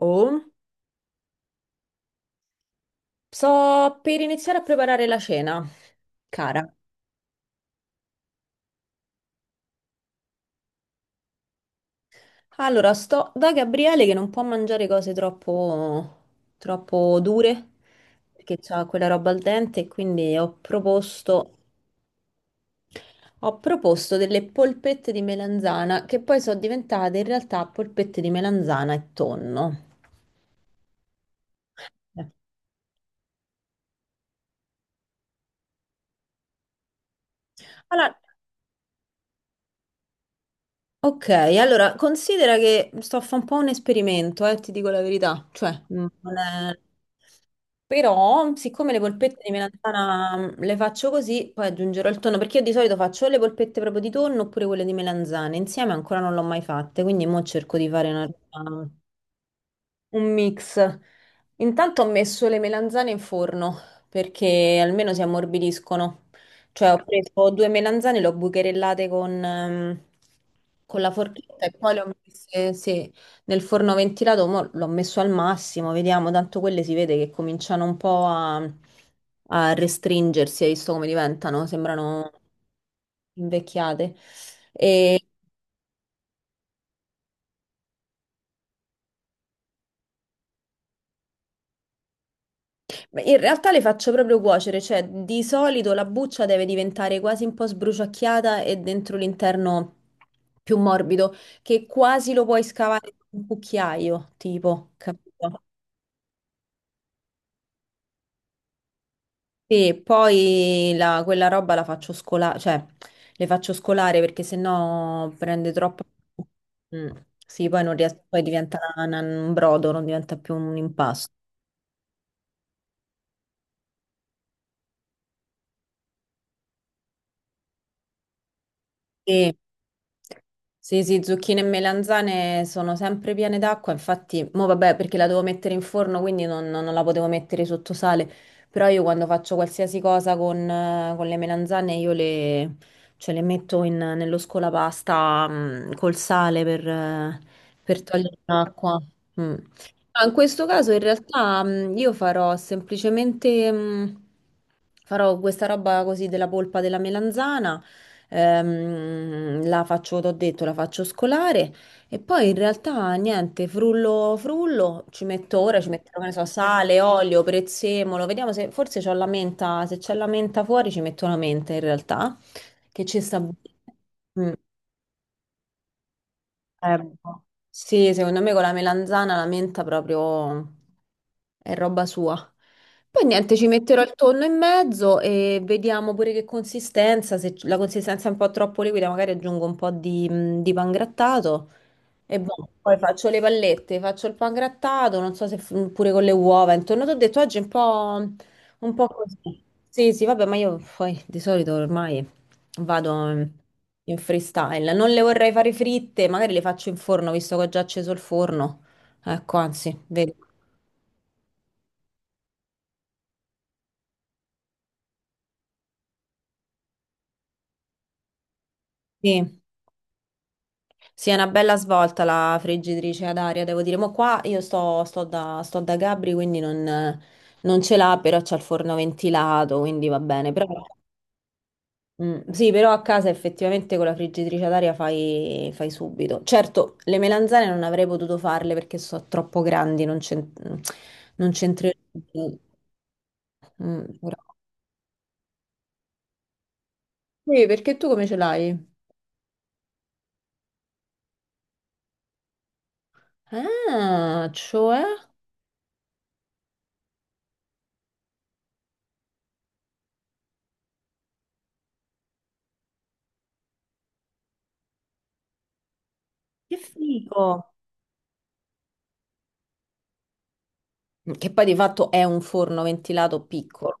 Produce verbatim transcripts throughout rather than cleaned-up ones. Oh, sto per iniziare a preparare la cena, cara. Allora, sto da Gabriele che non può mangiare cose troppo, troppo dure, perché ha quella roba al dente, e quindi ho proposto, ho proposto delle polpette di melanzana, che poi sono diventate in realtà polpette di melanzana e tonno. Eh. Allora, ok, allora considera che sto a fare un po' un esperimento, eh, ti dico la verità. Cioè, mm, non è- però, siccome le polpette di melanzana mm, le faccio così, poi aggiungerò il tonno, perché io di solito faccio o le polpette proprio di tonno oppure quelle di melanzane. Insieme ancora non l'ho mai fatte, quindi mo cerco di fare una roba. Un mix. Intanto ho messo le melanzane in forno perché almeno si ammorbidiscono. Cioè, ho preso due melanzane, le ho bucherellate con, ehm, con la forchetta e poi le ho messe, sì, nel forno ventilato. Mo l'ho messo al massimo, vediamo. Tanto quelle si vede che cominciano un po' a, a restringersi. Hai visto come diventano? Sembrano invecchiate. E Beh, in realtà le faccio proprio cuocere, cioè di solito la buccia deve diventare quasi un po' sbruciacchiata e dentro l'interno più morbido, che quasi lo puoi scavare con un cucchiaio, tipo, capito? E poi la- quella roba la faccio scolare, cioè le faccio scolare perché sennò prende troppo. Mm, sì, poi non ries- poi diventa una- un brodo, non diventa più un impasto. Sì. Sì, sì, zucchine e melanzane sono sempre piene d'acqua, infatti, mo vabbè, perché la devo mettere in forno, quindi non, non la potevo mettere sotto sale, però io quando faccio qualsiasi cosa con, eh, con le melanzane, io le, cioè, le metto in- nello scolapasta, mm, col sale per, eh, per togliere l'acqua. Mm. Ah, in questo caso in realtà mm, io farò semplicemente, mm, farò questa roba così della polpa della melanzana. Ehm, la faccio, t'ho detto, la faccio scolare e poi in realtà niente, frullo, frullo, ci metto ora, ci metterò, che ne so, sale, olio, prezzemolo, vediamo se forse c'ho la menta, se c'è la menta fuori ci metto la menta in realtà, che ci sta bene. Mm, eh, boh. Sì, secondo me con la melanzana la menta proprio è roba sua. Poi niente, ci metterò il tonno in mezzo e vediamo pure che consistenza, se la consistenza è un po' troppo liquida, magari aggiungo un po' di, mh, di pan grattato e boh, poi faccio le pallette, faccio il pan grattato, non so se f- mm, pure con le uova, intorno ti ho detto oggi è un po', un po' così. Sì, sì, vabbè, ma io poi di solito ormai vado in in freestyle, non le vorrei fare fritte, magari le faccio in forno, visto che ho già acceso il forno. Ecco, anzi, vedi. Sì. Sì, è una bella svolta la friggitrice ad aria, devo dire. Ma qua io sto, sto da, sto da Gabri, quindi non, non ce l'ha, però c'ha il forno ventilato, quindi va bene. Però, mm, sì, però a casa effettivamente con la friggitrice ad aria fai, fai subito. Certo, le melanzane non avrei potuto farle perché sono troppo grandi, non c'en- non c'entrerebbe. Mm, però. Sì, perché tu come ce l'hai? Ah, cioè? Che figo! Che poi di fatto è un forno ventilato piccolo.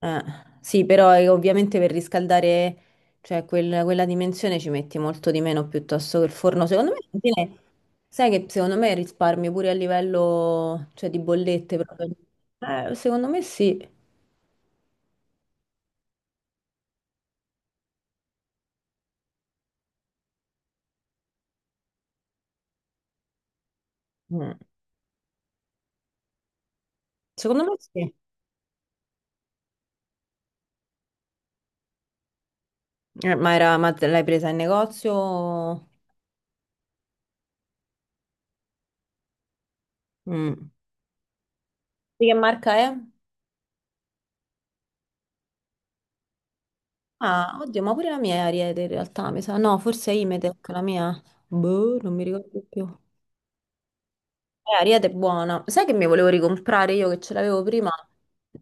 Eh, sì, però eh, ovviamente per riscaldare, cioè quel- quella dimensione ci metti molto di meno piuttosto che il forno. Secondo me, alla fine, sai che secondo me risparmio pure a livello, cioè, di bollette proprio. Eh, secondo me sì. Mm. Secondo me sì. Eh, ma era- ma te l'hai presa in negozio? Mm. Di che marca è? Ah, oddio, ma pure la mia è Ariete in realtà, mi sa. No, forse è Imetec, la mia. Boh, non mi ricordo più. Eh, Ariete è buona. Sai che mi volevo ricomprare io che ce l'avevo prima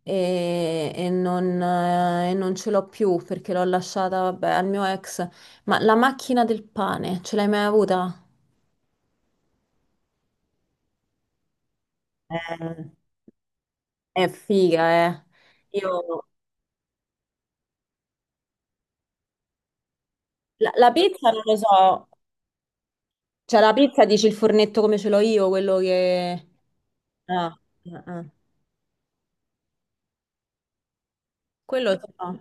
e, e non, eh, e non ce l'ho più perché l'ho lasciata, vabbè, al mio ex. Ma la macchina del pane, ce l'hai mai avuta? Eh, è figa, eh. Io... La, la pizza non lo so. Cioè, la pizza dici il fornetto come ce l'ho io, quello che. Ah, ah, ah. Quello, so.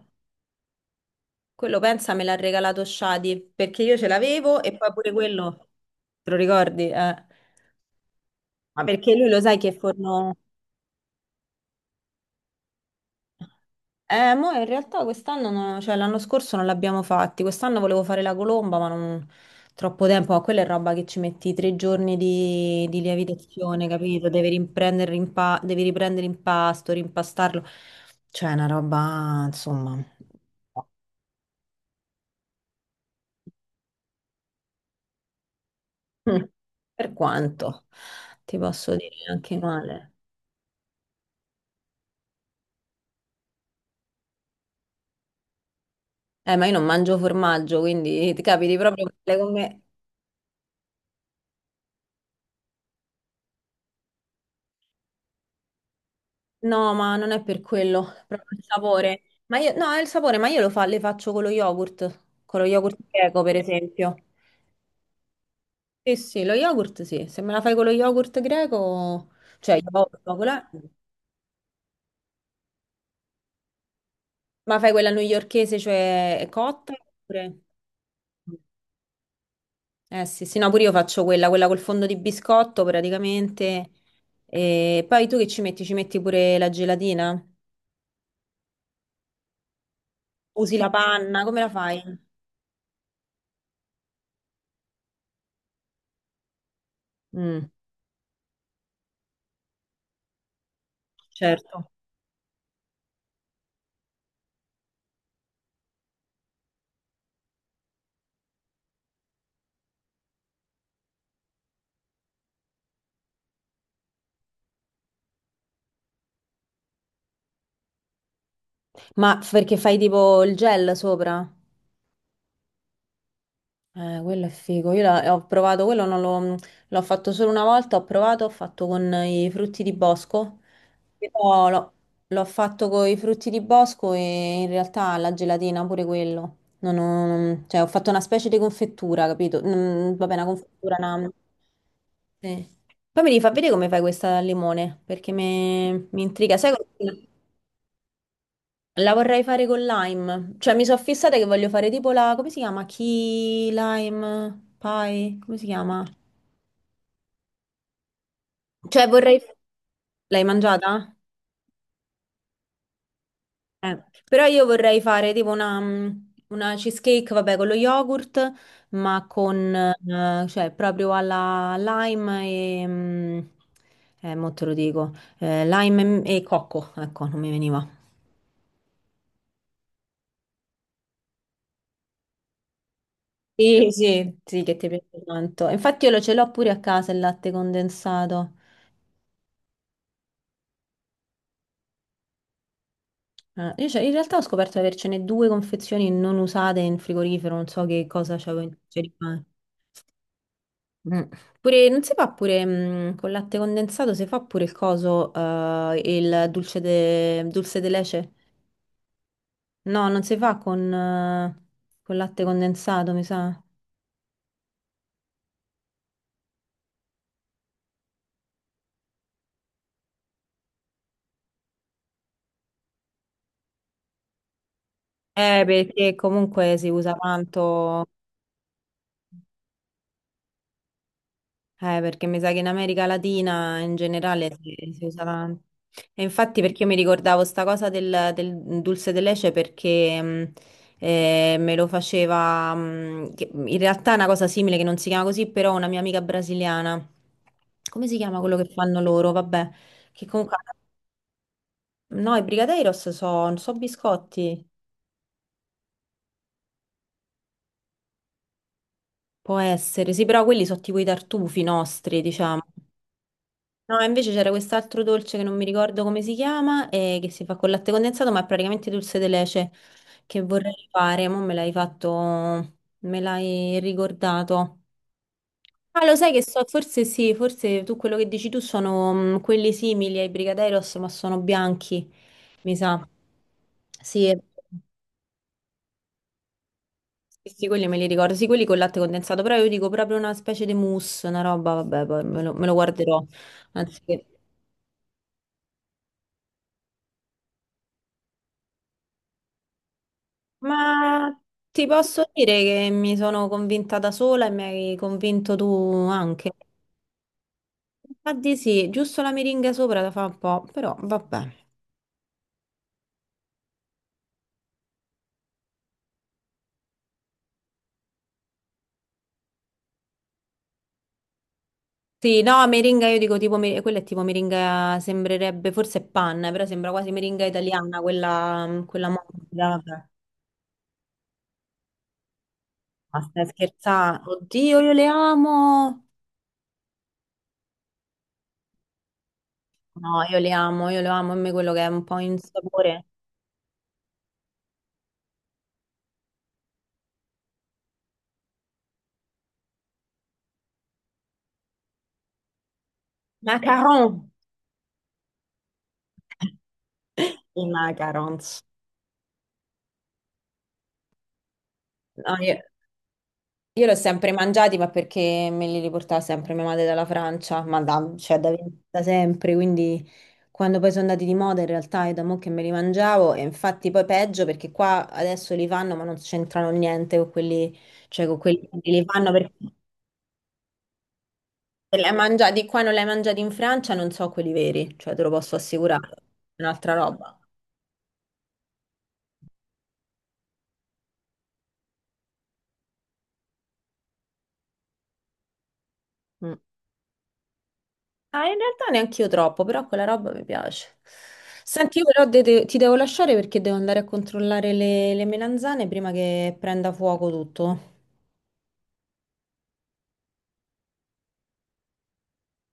Quello pensa me l'ha regalato Shadi perché io ce l'avevo e poi pure quello. Te lo ricordi? Eh. Ma- Perché lui lo sai che forno. Eh, mo in realtà quest'anno, no- cioè l'anno scorso non l'abbiamo fatti, quest'anno volevo fare la colomba, ma non troppo tempo, ma quella è roba che ci metti tre giorni di, di lievitazione, capito? Devi riprendere, rimpa... Devi riprendere impasto, rimpastarlo, cioè è una roba, insomma. Mm. Per quanto ti posso dire anche male. Eh, ma io non mangio formaggio, quindi ti capiti proprio male con me. No, ma non è per quello, proprio il sapore. Ma io, no, è il sapore, ma io lo fa- le faccio con lo yogurt, con lo yogurt greco, per esempio. Sì, sì, lo yogurt sì, se me la fai con lo yogurt greco, cioè yogurt, quella- ma fai quella newyorchese, cioè cotta, oppure. Eh sì, sì, no, pure io faccio quella, quella col fondo di biscotto praticamente. E poi tu che ci metti? Ci metti pure la gelatina? Usi la panna, come la fai? Mm, certo. Ma f- perché fai tipo il gel sopra? Eh, quello è figo. Io la- eh, ho provato, quello non l'ho, l'ho fatto solo una volta, ho provato, ho fatto con i frutti di bosco. Però l'ho l'ho fatto con i frutti di bosco e in realtà la gelatina pure quello. Non ho- non- cioè, ho fatto una specie di confettura, capito? Mm, vabbè, una confettura, una. Sì. Poi mi devi far vedere come fai questa al limone, perché mi, mi intriga. Sai cosa? La vorrei fare con lime, cioè mi sono fissata che voglio fare tipo la, come si chiama? Key lime pie, come si chiama? Cioè vorrei. L'hai mangiata? Eh. Però io vorrei fare tipo una, mm, una cheesecake, vabbè, con lo yogurt, ma con, eh, cioè proprio alla lime. e... mm, Eh, mo te lo dico, eh, lime e, e cocco, ecco, non mi veniva. Sì, sì, sì, che ti piace tanto. Infatti io lo ce l'ho pure a casa il latte condensato. Ah, io c'è- in realtà ho scoperto di avercene due confezioni non usate in frigorifero, non so che cosa c'avevo in rimane. Mm. Pure, non si fa pure mm, con latte condensato, si fa pure il coso, eh, il dulce de, dulce de leche? No, non si fa con, eh, con latte condensato, mi sa. Eh, perché comunque si usa tanto. Eh, perché mi sa che in America Latina in generale si, si usa tanto. E infatti perché io mi ricordavo sta cosa del, del dulce de leche perché mh, eh, me lo faceva, mh, che- in realtà è una cosa simile che non si chiama così, però una mia amica brasiliana. Come si chiama quello che fanno loro? Vabbè, che comunque. No, i brigadeiros sono so so biscotti, può essere, sì, però quelli sono tipo i tartufi nostri, diciamo. No, invece c'era quest'altro dolce che non mi ricordo come si chiama, e che si fa con latte condensato, ma è praticamente dulce de leche che vorrei fare. Mo' me l'hai fatto, me l'hai ricordato. Ah, lo sai che so, forse sì, forse tu quello che dici tu sono mm, quelli simili ai brigadeiros, ma sono bianchi, mi sa. Sì, è- sì, sì, quelli me li ricordo, sì, quelli con latte condensato, però io dico proprio una specie di mousse, una roba, vabbè, poi me lo, me lo guarderò. Anzi, ma ti posso dire che mi sono convinta da sola e mi hai convinto tu anche. Infatti sì, giusto la meringa sopra la fa un po', però vabbè. Sì, no, meringa io dico tipo, mer- quella è tipo meringa, sembrerebbe, forse è panna, però sembra quasi meringa italiana, quella, quella morbida, vabbè. Ma stai scherzando? Oddio, io le amo! No, io le amo, io le amo, a me quello che è un po' in sapore. Macaron! I macarons. Io li ho sempre mangiati, ma perché me li riportava sempre mia madre dalla Francia, ma da, cioè da, da sempre, quindi quando poi sono andati di moda in realtà è da mo' che me li mangiavo e infatti poi peggio perché qua adesso li fanno ma non c'entrano niente con quelli, cioè con quelli che li fanno perché se li hai mangiati qua non li hai mangiati in Francia, non so quelli veri, cioè te lo posso assicurare, è un'altra roba. Mm. Ah, in realtà neanche io troppo, però quella roba mi piace. Senti, io però de- de- ti devo lasciare perché devo andare a controllare le, le melanzane prima che prenda fuoco tutto.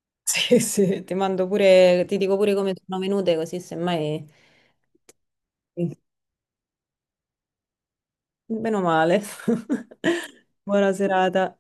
Sì, sì, ti mando pure, ti dico pure come sono venute, così semmai. Sì. Meno male. Buona serata.